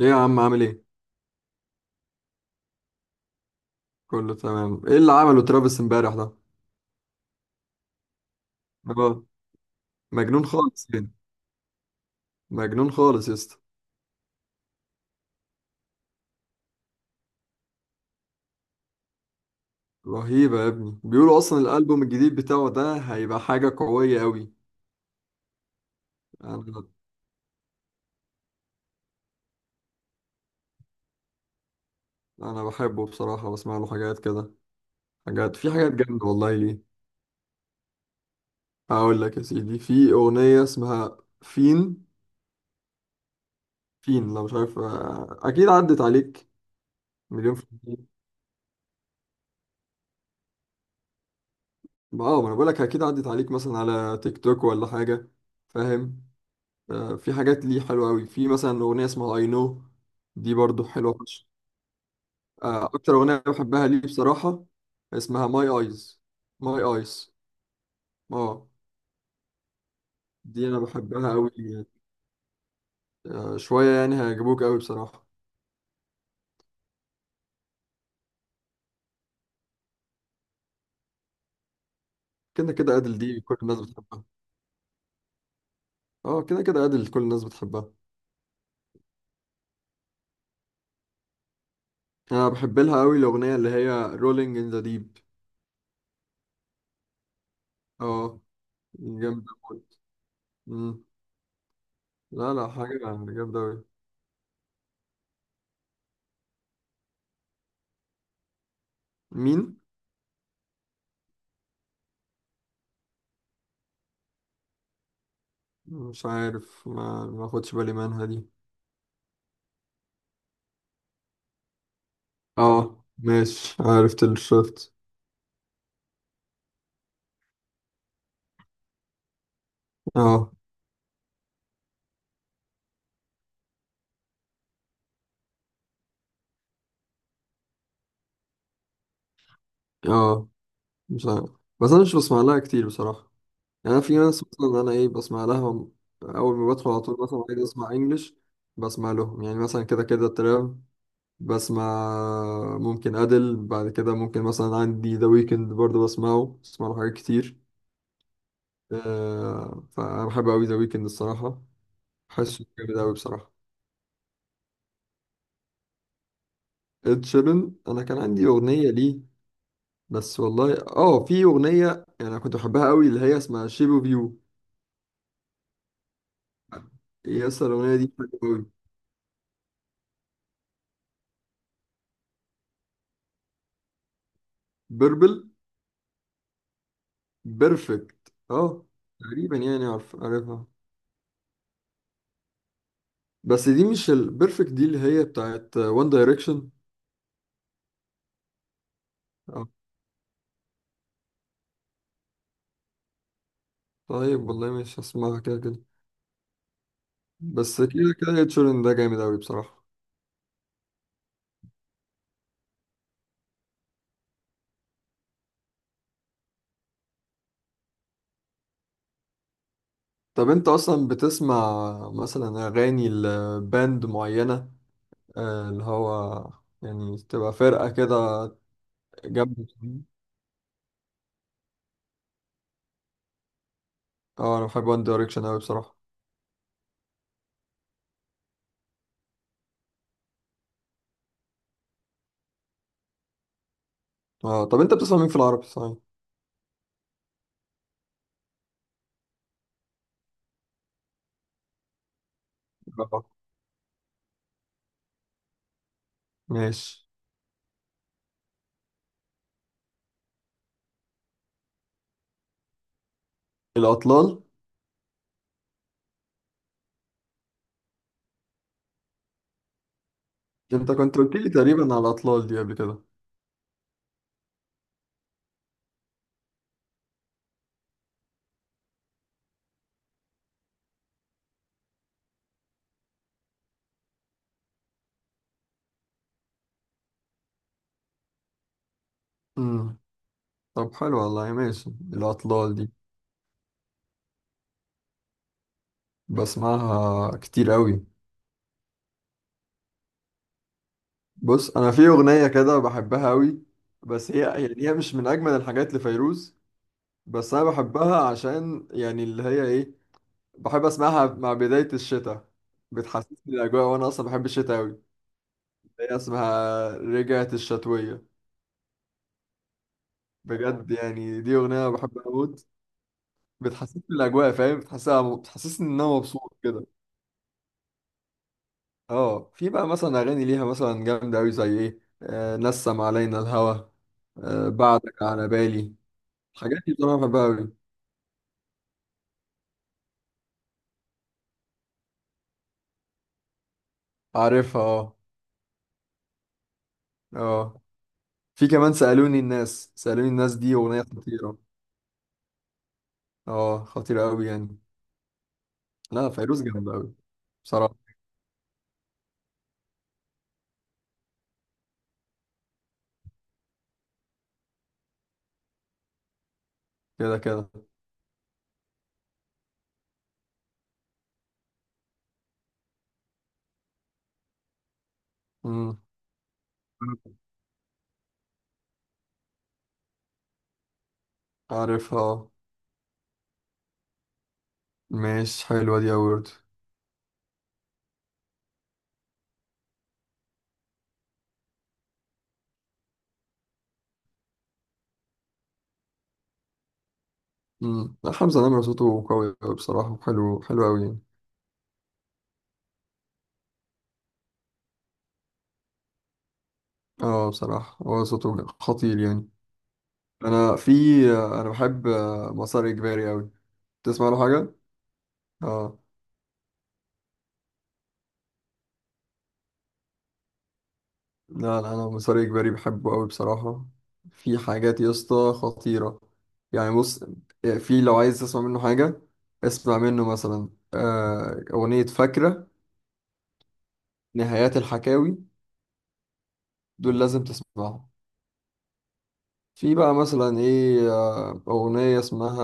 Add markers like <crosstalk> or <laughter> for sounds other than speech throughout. ايه يا عم، عامل ايه؟ كله تمام. ايه اللي عمله ترافيس امبارح ده؟ اه، مجنون خالص يعني. مجنون خالص يا اسطى. رهيبة يا ابني، بيقولوا اصلا الالبوم الجديد بتاعه ده هيبقى حاجة قوية قوي. انا انا بحبه بصراحة، بسمع له حاجات كده. في حاجات جامدة والله ليه. هقول لك يا سيدي، في اغنية اسمها فين. فين لو مش عارف، اكيد عدت عليك. مليون في المية. اه، ما انا بقول لك اكيد عدت عليك مثلا على تيك توك ولا حاجة. فاهم. في حاجات ليه حلوة أوي، في مثلا أغنية اسمها I know. دي برضو حلوة فشخ. أكتر أغنية بحبها ليه بصراحة اسمها My Eyes. My Eyes. اه. دي أنا بحبها أوي يعني. شوية يعني هيعجبوك أوي بصراحة. كده كده أدل، دي كل الناس بتحبها. اه كده كده أدل كل الناس بتحبها. أنا بحب لها أوي الأغنية اللي هي Rolling in the Deep. اه. جامدة موت. مم. لا لا، حاجة جامدة أوي. مين؟ مش عارف، ما خدش بالي منها دي. اه، ماشي، عارف تيلر سويفت. اه. اه. مش عارف، بس انا مش بسمع لها كتير بصراحة. يعني أنا في ناس مثلا انا ايه بسمع لها. اول ما بدخل على طول مثلا عايز اسمع انجلش. بسمع لهم يعني مثلا كده كده تراب. بسمع. ممكن ادل بعد كده، ممكن مثلا عندي ذا ويكند برضه بسمعه. بسمع له حاجات كتير. فانا بحب قوي ذا ويكند الصراحة. حاسه جامد قوي بصراحة. اد شيران انا كان عندي اغنية ليه. بس والله، في اغنيه يعني، انا كنت بحبها قوي اللي هي اسمها شيب اوف يو. هي اصلا الاغنيه دي حلوه قوي. بيربل. بيرفكت اه. تقريبا يعني، عارفها. بس دي مش البيرفكت دي اللي هي بتاعت وان دايركشن. اه. طيب والله مش هسمعها كده كده. بس كده كده هيتشورن ده جامد قوي بصراحه. طب انت اصلا بتسمع مثلا اغاني لباند معينه، اللي هو يعني تبقى فرقه كده. جنب. اه، انا بحب وان دايركشن قوي بصراحه. اه. طب انت بتسمع مين في العربي صحيح؟ اه، ماشي الاطلال. انت كنت قلت لي تقريبا على الاطلال دي قبل كده. امم. طب حلو والله، ماشي الاطلال دي. بسمعها كتير قوي. بص انا في اغنيه كده بحبها قوي، بس هي يعني هي مش من اجمل الحاجات لفيروز. بس انا بحبها عشان يعني اللي هي ايه، بحب اسمعها مع بدايه الشتاء. بتحسسني الاجواء، وانا اصلا بحب الشتاء قوي. هي اسمها رجعت الشتويه. بجد يعني دي اغنيه بحبها قوي. بتحسسني بالاجواء، فاهم، بتحسسها، بتحسسني ان انا مبسوط كده. اه، في بقى مثلا اغاني ليها مثلا جامده قوي، زي ايه، نسم علينا الهوى، بعدك على بالي. الحاجات دي بصراحه بحبها قوي. عارفها اه. اه. في كمان سالوني الناس، سالوني الناس دي اغنيه خطيره. اه، خطيره قوي يعني. لا، فيروز جامده قوي بصراحه. كده كده. امم. عارفها آه. ماشي، حلوه دي قوي برضه. امم. حمزه نمره صوته قوي أوي بصراحه، حلو حلو قوي يعني. اه، بصراحة هو صوته خطير يعني. انا في انا بحب مسار اجباري اوي. تسمع له حاجة؟ اه. لا لا، انا مسار اجباري بحبه اوي بصراحة. في حاجات يا اسطى خطيرة. يعني بص، في لو عايز تسمع منه حاجة، اسمع منه مثلا اغنية فاكرة، نهايات الحكاوي. دول لازم تسمعهم. في بقى مثلا ايه، اغنية اسمها،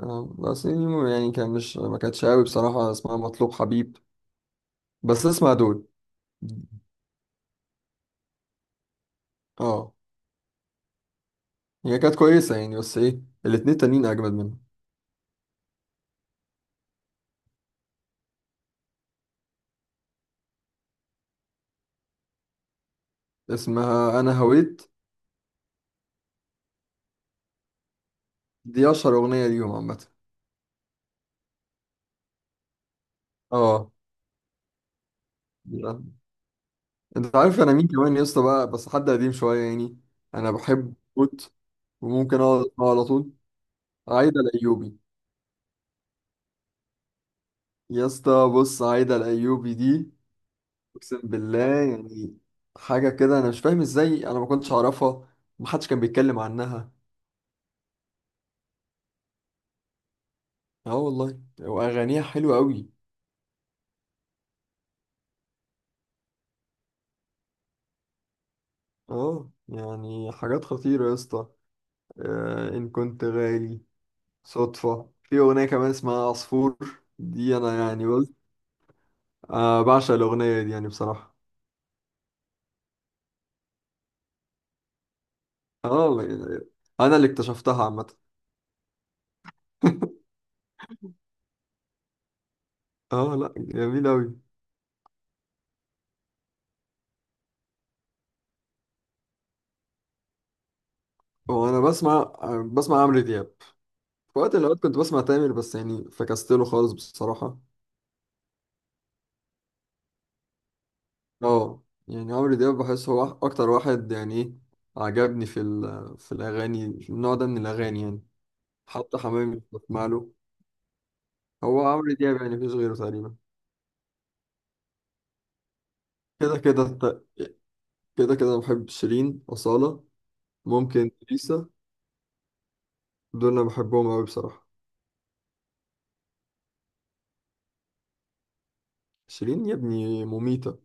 بس يعني كان مش ما كانتش اوي بصراحة، اسمها مطلوب حبيب. بس اسمع دول. اه. هي كانت كويسة يعني، بس ايه، الاتنين تانيين اجمد منها. اسمها انا هويت. دي اشهر اغنية ليهم عامة. اه. لا. انت عارف انا مين كمان يا اسطى بقى، بس حد قديم شوية يعني، انا بحب موت وممكن اقعد اسمعه على طول. عايدة الايوبي. يا اسطى بص، عايدة الايوبي دي، اقسم بالله، يعني حاجة كده انا مش فاهم ازاي انا ما كنتش اعرفها، محدش كان بيتكلم عنها. اه والله، واغانيها حلوة قوي. اه، يعني حاجات خطيرة يا اسطى. ان كنت غالي، صدفة. في اغنية كمان اسمها عصفور، دي انا يعني قلت بعشق الاغنية دي يعني بصراحة. اه انا اللي اكتشفتها عامة. <laughs> اه لا، جميل اوي. وانا بسمع بسمع عمرو دياب. في وقت من الاوقات كنت بسمع تامر، بس يعني فكست له خالص بصراحة. اه. يعني عمرو دياب بحس هو اكتر واحد يعني ايه، عجبني في الاغاني، في النوع ده من الاغاني يعني. حتى حمامي بسمع له. هو عمرو دياب يعني مفيش غيره تقريبا. كده كده كده كده أنا بحب شيرين، أصالة، ممكن ليسا. دول أنا بحبهم أوي بصراحة. شيرين يا ابني مميتة.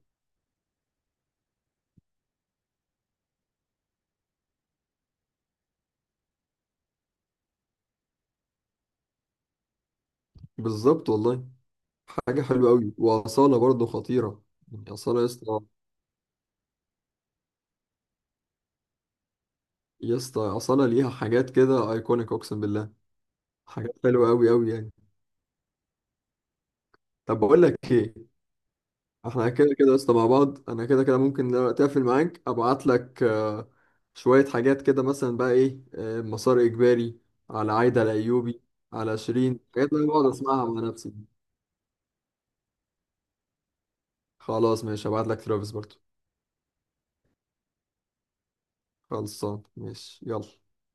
بالظبط والله. حاجة حلوة أوي، وأصالة برضه خطيرة. يعني أصالة يا اسطى، يا اسطى أصالة ليها حاجات كده أيكونيك، أقسم بالله. حاجات حلوة أوي أوي يعني. طب بقول لك إيه، احنا كده كده لسه مع بعض، انا كده كده ممكن دلوقتي اقفل معاك ابعت لك شوية حاجات كده، مثلا بقى ايه، مسار اجباري، على عايدة الايوبي، على شيرين، حاجات اللي انا بقعد اسمعها مع نفسي. خلاص ماشي، ابعت لك ترافيس برضو. خلصان ماشي يلا.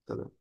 سلام.